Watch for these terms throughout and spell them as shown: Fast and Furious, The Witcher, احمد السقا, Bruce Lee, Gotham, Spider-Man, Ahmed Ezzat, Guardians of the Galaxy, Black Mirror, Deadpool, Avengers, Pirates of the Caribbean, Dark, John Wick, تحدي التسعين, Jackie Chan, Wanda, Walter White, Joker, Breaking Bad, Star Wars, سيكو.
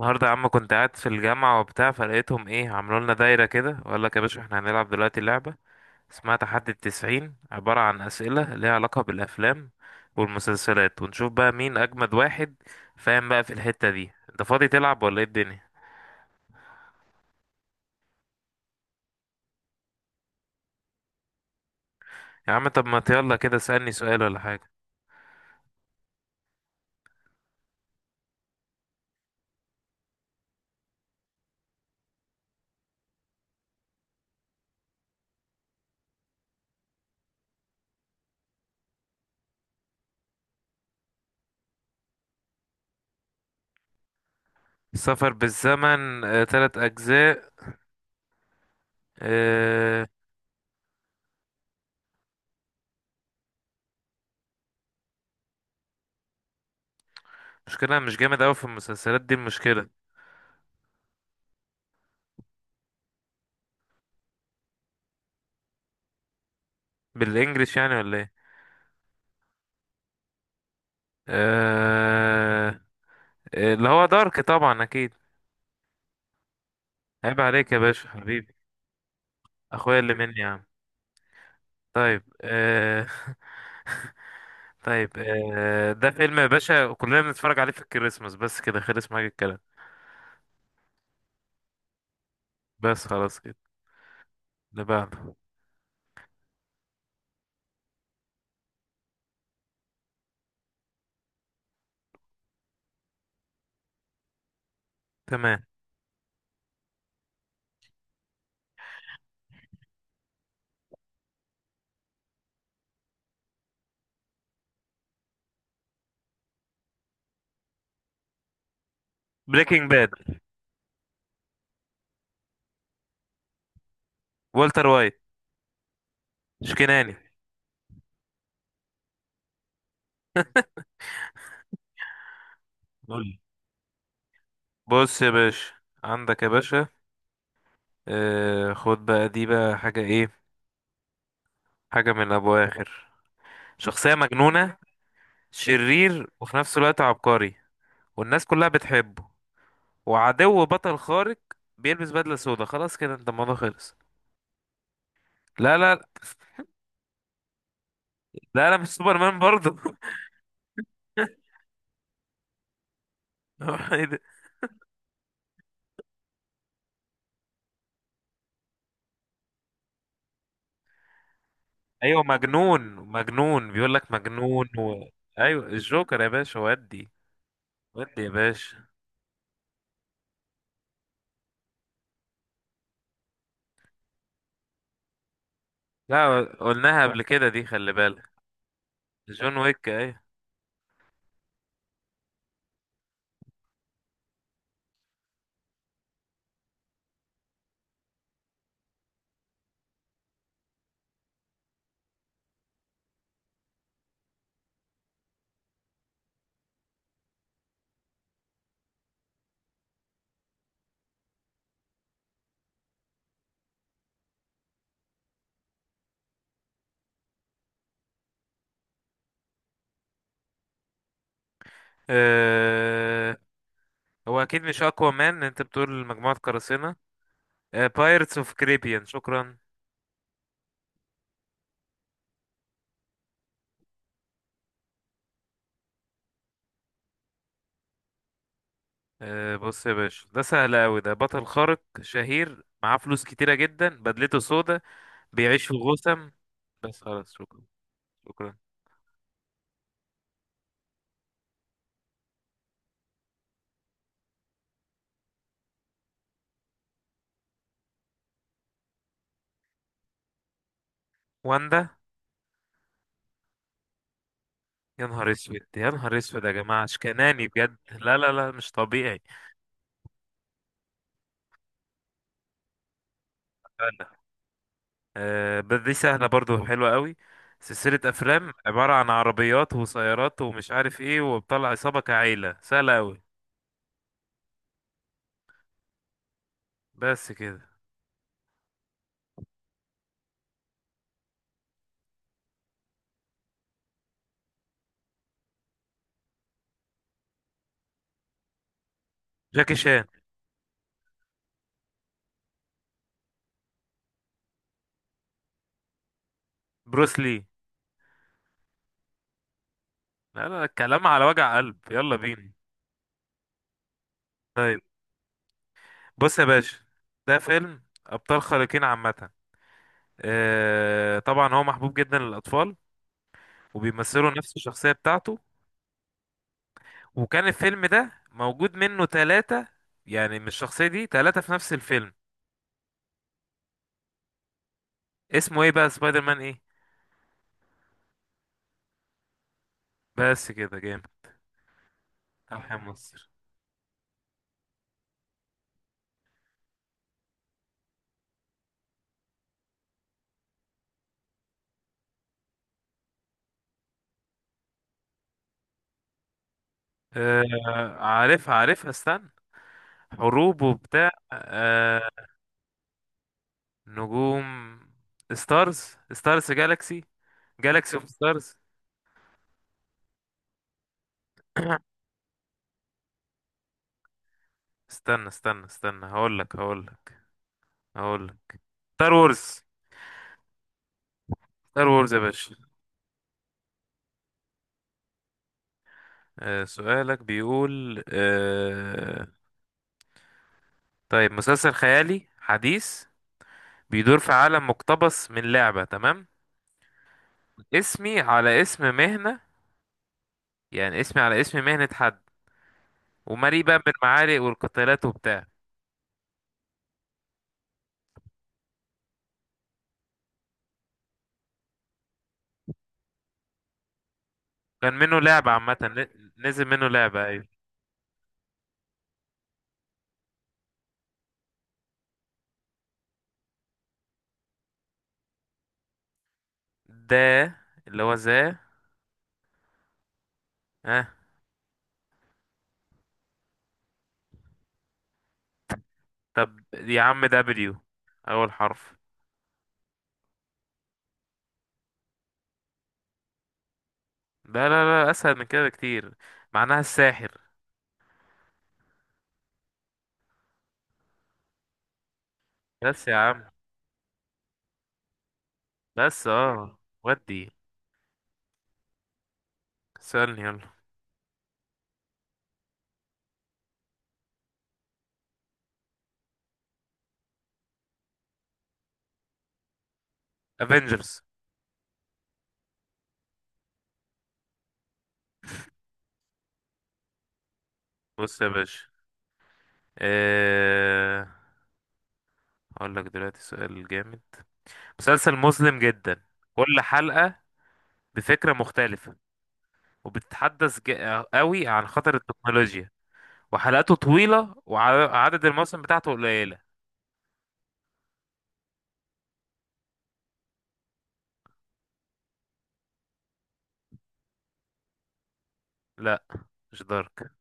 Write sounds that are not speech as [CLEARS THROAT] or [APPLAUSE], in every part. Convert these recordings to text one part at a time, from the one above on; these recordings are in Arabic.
النهارده يا عم كنت قاعد في الجامعة وبتاع فلقيتهم ايه. عملوا لنا دايرة كده وقال لك يا باشا احنا هنلعب دلوقتي لعبة اسمها تحدي 90، عبارة عن أسئلة ليها علاقة بالأفلام والمسلسلات، ونشوف بقى مين أجمد واحد. فاهم بقى؟ في الحتة دي انت فاضي تلعب ولا ايه الدنيا؟ يا عم طب ما يلا كده اسألني سؤال ولا حاجة. السفر بالزمن، تلات أجزاء. آه، مشكلة مش جامد أوي في المسلسلات دي المشكلة. بالإنجليش يعني ولا ايه؟ آه، اللي هو دارك طبعا أكيد. عيب عليك يا باشا حبيبي. اخويا اللي مني يا عم. طيب [LAUGHS] طيب ده فيلم يا باشا كلنا بنتفرج عليه في الكريسماس، بس كده خلص معاك الكلام. بس خلاص كده. اللي بعده. تمام. بريكنج باد. والتر وايت. شكناني. قول لي. بص يا باشا، عندك يا باشا خد بقى دي بقى حاجة ايه. حاجة من ابو اخر. شخصية مجنونة، شرير وفي نفس الوقت عبقري، والناس كلها بتحبه، وعدو بطل خارق، بيلبس بدلة سودا. خلاص كده انت الموضوع خلص. لا لا لا. لا لا، مش سوبرمان برضه. [LAUGHS] ايه ده؟ ايوه مجنون مجنون بيقول لك مجنون. ايوه الجوكر يا باشا، ودي. ودي يا باشا، لا قلناها قبل كده دي خلي بالك. جون ويك ايوه. أه... هو اكيد مش اقوى مان، انت بتقول مجموعة قراصنة. بايرتس اوف كريبيان، شكرا. أه بص يا باشا ده سهل قوي. ده بطل خارق شهير معاه فلوس كتيرة جدا، بدلته سودا، بيعيش في غوثم. بس خلاص، شكرا. شكرا. واندا. يا نهار اسود يا نهار اسود يا جماعه اشكناني بجد، لا لا لا مش طبيعي. فعلا. آه بس دي سهله برضو، حلوه قوي. سلسله افلام عباره عن عربيات وسيارات ومش عارف ايه، وبطلع عصابه كعيله، سهله قوي. بس كده. جاكي شان. بروس لي. لا لا الكلام على وجع قلب، يلا بينا. طيب. بص يا باشا، ده فيلم ابطال خارقين عامه. آه طبعا هو محبوب جدا للاطفال، وبيمثلوا نفس الشخصية بتاعته. وكان الفيلم ده موجود منه ثلاثة، يعني من الشخصية دي ثلاثة في نفس الفيلم. اسمه ايه بقى؟ سبايدر مان ايه؟ بس كده جامد. ألحان مصر. آه عارفها عارفها، استنى. حروب وبتاع. نجوم. ستارز. ستارز جالاكسي. جالاكسي اوف ستارز. [COUGHS] [CLEARS THROAT] استنى استنى استنى، هقول لك. ستار وورز. ستار وورز يا باشا. سؤالك بيقول. طيب مسلسل خيالي حديث، بيدور في عالم مقتبس من لعبة، تمام. اسمي على اسم مهنة، يعني اسمي على اسم مهنة حد. ومليء بقى بالمعارك والقتالات وبتاع. كان منه لعبة عامة، نزل منه لعبة أيوة. ده اللي هو ذا. اه. طب يا عم، دبليو أول حرف. لا لا لا، أسهل من كده بكتير. معناها الساحر. بس يا عم. بس ودي. سألني، يلا. افنجرز. بص يا باشا آه... هقول لك دلوقتي سؤال جامد. مسلسل مظلم جدا، كل حلقة بفكرة مختلفة، وبتتحدث قوي عن خطر التكنولوجيا. وحلقاته طويلة وعدد المواسم بتاعته قليلة. لا، مش دارك.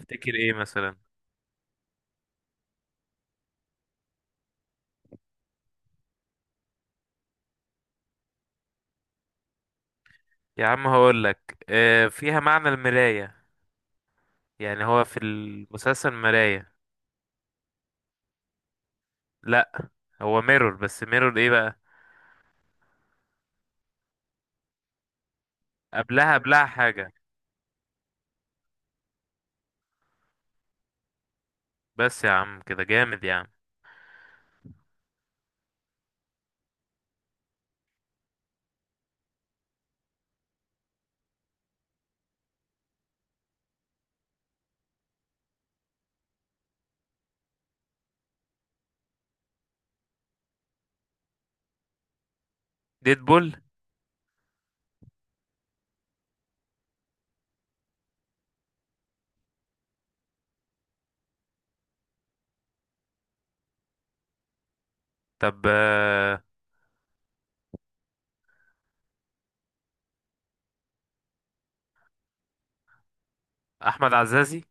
افتكر ايه مثلا؟ يا عم هقول لك، آه فيها معنى المراية. يعني هو في المسلسل مراية. لا، هو ميرور، بس ميرور ايه بقى؟ قبلها حاجة. بس يا عم كده جامد يا عم. ديدبول. طب، احمد عزازي.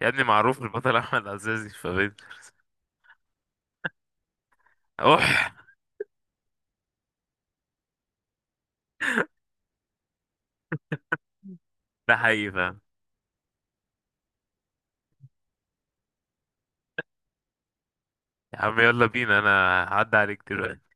يا ابني معروف البطل احمد عزازي في افنجرز. اوح. ده حقيقي فاهم. يا عم يلا بينا، انا هعدي عليك دلوقتي.